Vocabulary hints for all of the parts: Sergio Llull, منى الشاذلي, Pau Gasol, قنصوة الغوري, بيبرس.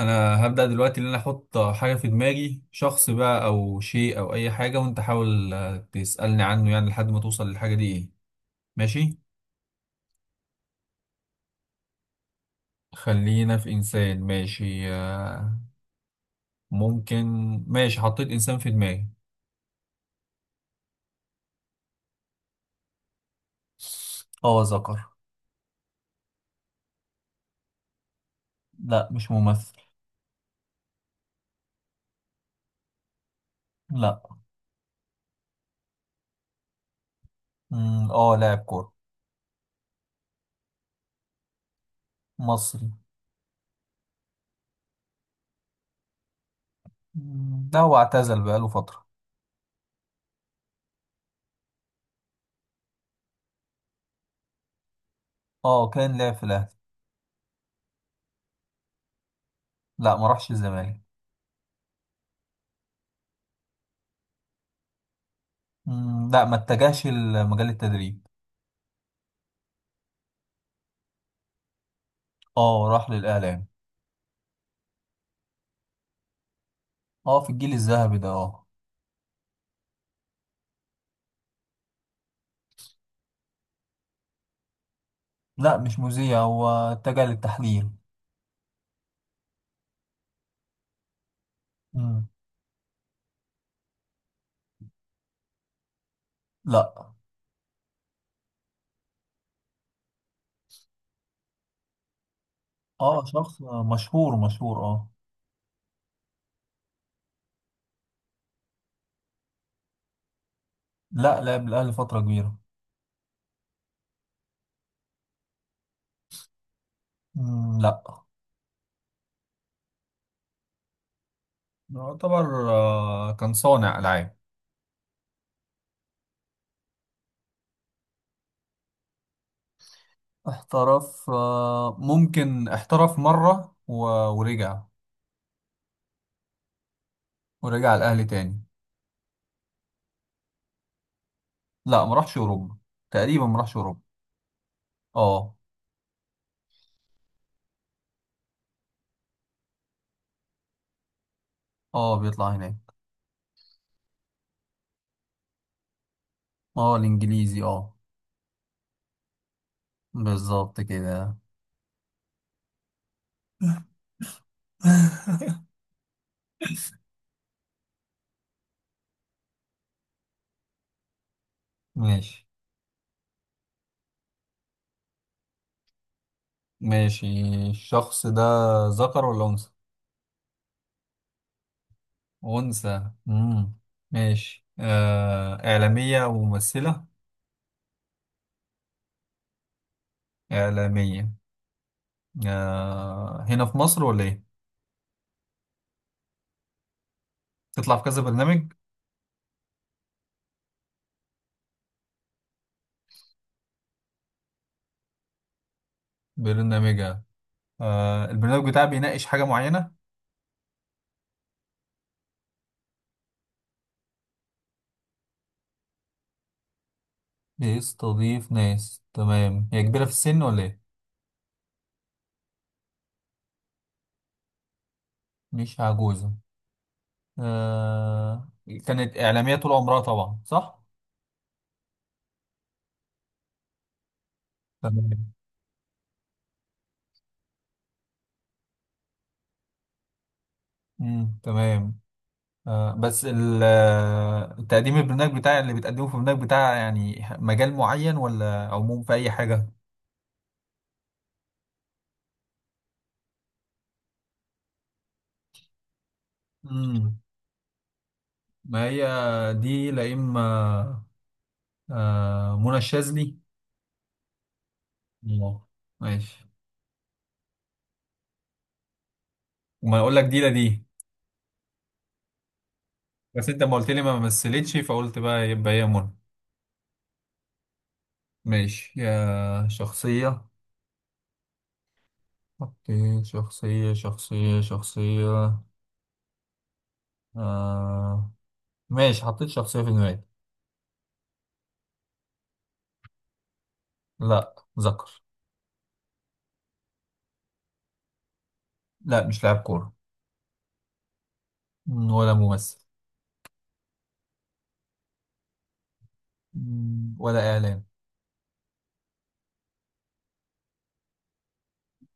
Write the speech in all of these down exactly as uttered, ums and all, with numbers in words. انا هبدأ دلوقتي ان انا احط حاجة في دماغي شخص بقى او شيء او اي حاجة، وانت حاول آه، تسألني عنه يعني لحد ما توصل للحاجة دي ايه. ماشي. خلينا في انسان. ماشي. آه، ممكن. ماشي، حطيت انسان في دماغي. اه ذكر. لا مش ممثل. لا. مم، اه لاعب كورة. مصري. مم، لا هو اعتزل بقاله فترة. اه كان لاعب في الاهلي. لا ما راحش الزمالك. مم، لا ما اتجهش لمجال التدريب. اه راح للاعلام. اه في الجيل الذهبي ده اه. لا مش مذيع، هو اتجه للتحليل. مم. لا. اه شخص مشهور مشهور اه. لا لعب الأهلي فترة كبيرة. مم. لا. يعتبر آه، كان صانع ألعاب. احترف آه ممكن احترف مرة و... ورجع. ورجع الأهلي تاني. لا ما راحش أوروبا. تقريبا ما راحش أوروبا. اه. اه بيطلع هناك. اه الإنجليزي اه. بالظبط كده. ماشي. ماشي. الشخص ده ذكر ولا أنثى؟ أنثى. مم. ماشي، آه إعلامية وممثلة. إعلامية. آه هنا في مصر ولا إيه؟ تطلع في كذا برنامج؟ برنامجها. آه، البرنامج بتاعها بيناقش حاجة معينة؟ بيستضيف ناس. تمام، هي كبيرة في السن ولا إيه؟ مش عجوزة. آه. كانت إعلامية طول عمرها طبعا، صح؟ تمام. مم. تمام. آه، بس ال- آه، التقديم البرنامج بتاع اللي بتقدمه في البرنامج بتاع يعني مجال معين ولا عموم في أي حاجة؟ امم. ما هي دي لا إما آه، منى الشاذلي. الله. ماشي. وما أقول لك دي لا دي. بس أنت ما قلت لي ما مثلتش فقلت بقى يبقى هي منى. ماشي يا شخصية. حطيت شخصية شخصية شخصية. آه. ماشي، حطيت شخصية في دماغي. لا ذكر. لا مش لاعب كورة. ولا ممثل. مم، ولا إعلام.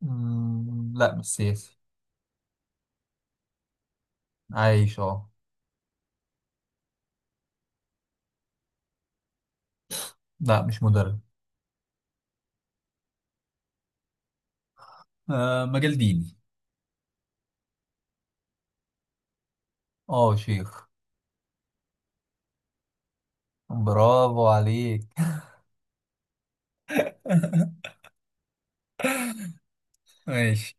مم، لا مش سياسي. عايش اه. لا مش مدرب. آه مجال ديني. اه شيخ. برافو عليك. ماشي.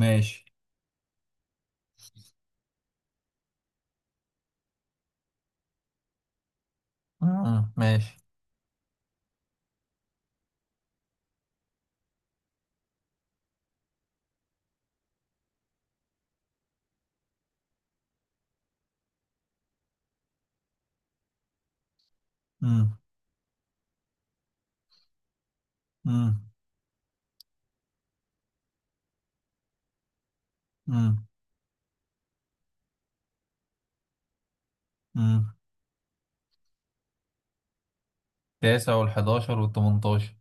ماشي. مم، ماشي. مم، مم، مم، مم. تاسع والحداشر والتمنتاشر.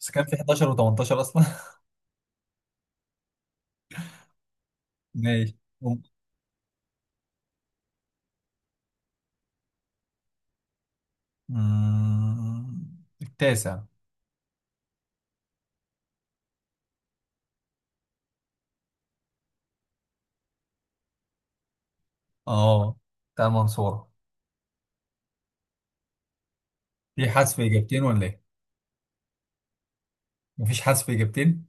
بس كان في حداشر وتمنتاشر أصلا. ماشي. مم، التاسع. اه بتاع المنصورة. في حذف إجابتين ولا إيه؟ مفيش حذف إجابتين.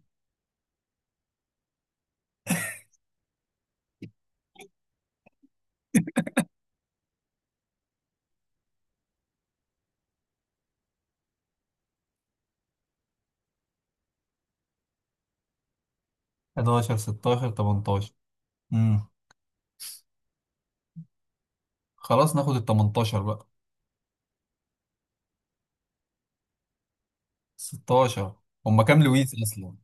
حداشر ستاشر تمنتاشر. خلاص ناخد ال تمنتاشر بقى. ستاشر. هما كام لويس اصلا؟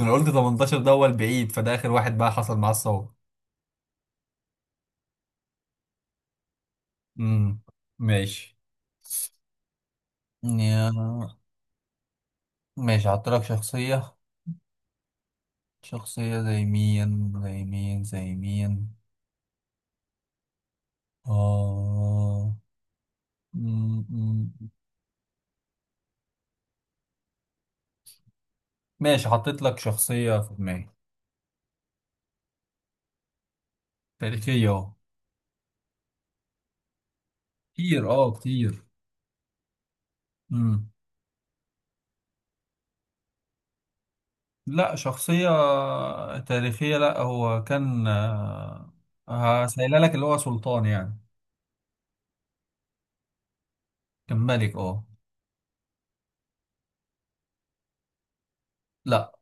انا قلت تمنتاشر ده هو البعيد، فده اخر واحد بقى حصل معاه الصواب. امم. ماشي. يا- ماشي، هحط لك شخصية. شخصية، زي مين زي مين زي مين. آه... م- م- ماشي، حطيت لك شخصية في دماغي. تاريخية اه. كتير اه كتير. مم. لا شخصية تاريخية. لا هو كان آه، هسألها لك، اللي هو سلطان يعني. كان ملك اه. لا.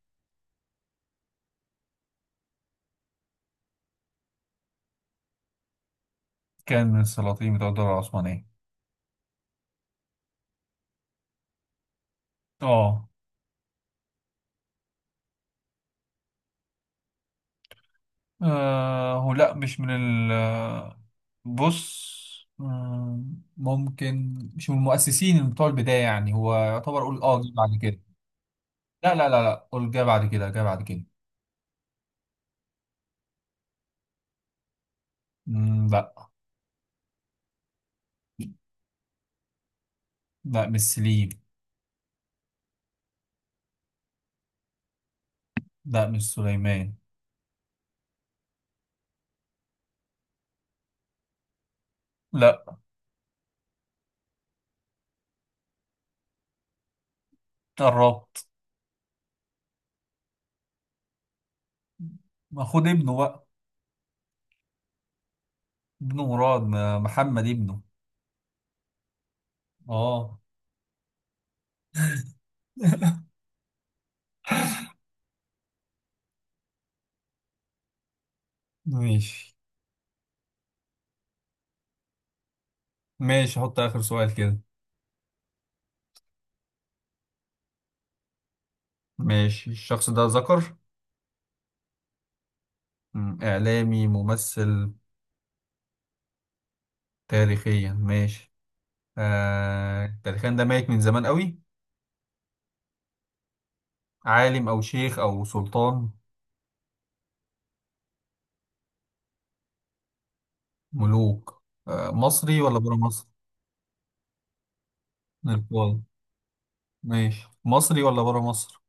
كان من السلاطين بتوع الدولة العثمانية. اه. آه، هو لا مش من ال آه، بص، مم، ممكن مش من المؤسسين بتوع البداية، يعني هو يعتبر قول اه جه بعد كده. لا لا لا لا، قول جه بعد كده، جه بعد كده. مم، لا. لا مش سليم. لا مش سليمان. لا قربت. ما خد ابنه بقى. ابنه مراد، م- محمد ابنه. اه. ماشي. ماشي، حط آخر سؤال كده. ماشي، الشخص ده ذكر. مم، إعلامي ممثل. تاريخيا، ماشي. آه تاريخيا، ده ميت من زمان قوي. عالم أو شيخ أو سلطان. ملوك آه، مصري ولا برا مصر؟ نقول. ماشي، مصري ولا برا مصر؟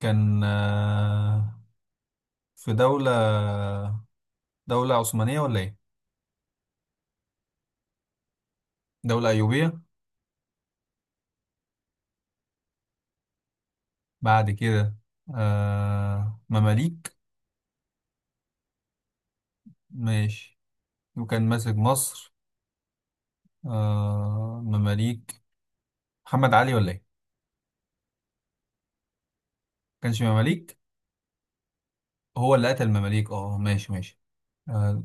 كان آه في دولة. دولة عثمانية ولا إيه؟ دولة أيوبية. بعد كده. آه مماليك. ماشي. وكان ماسك مصر. آه مماليك. محمد علي ولا ايه؟ كانش مماليك. هو اللي قتل المماليك. اه ماشي ماشي. آه.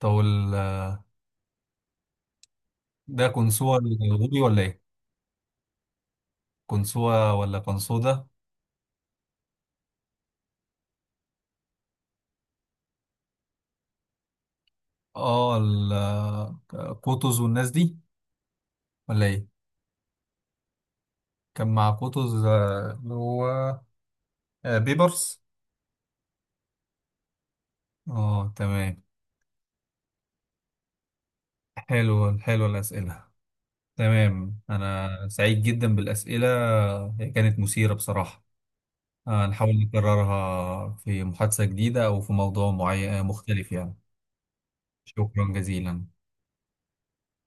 طب وال- ده قنصوة الغوري ولا ايه؟ قنصوة ولا قنصوة. اه ال- آه، قطز والناس دي ولا ايه؟ كان مع قطز آه، اللي هو آه بيبرس. اه تمام. حلو، حلو الأسئلة. تمام، أنا سعيد جدا بالأسئلة. هي كانت مثيرة بصراحة. هنحاول نكررها في محادثة جديدة أو في موضوع معين مختلف يعني. شكرا جزيلا.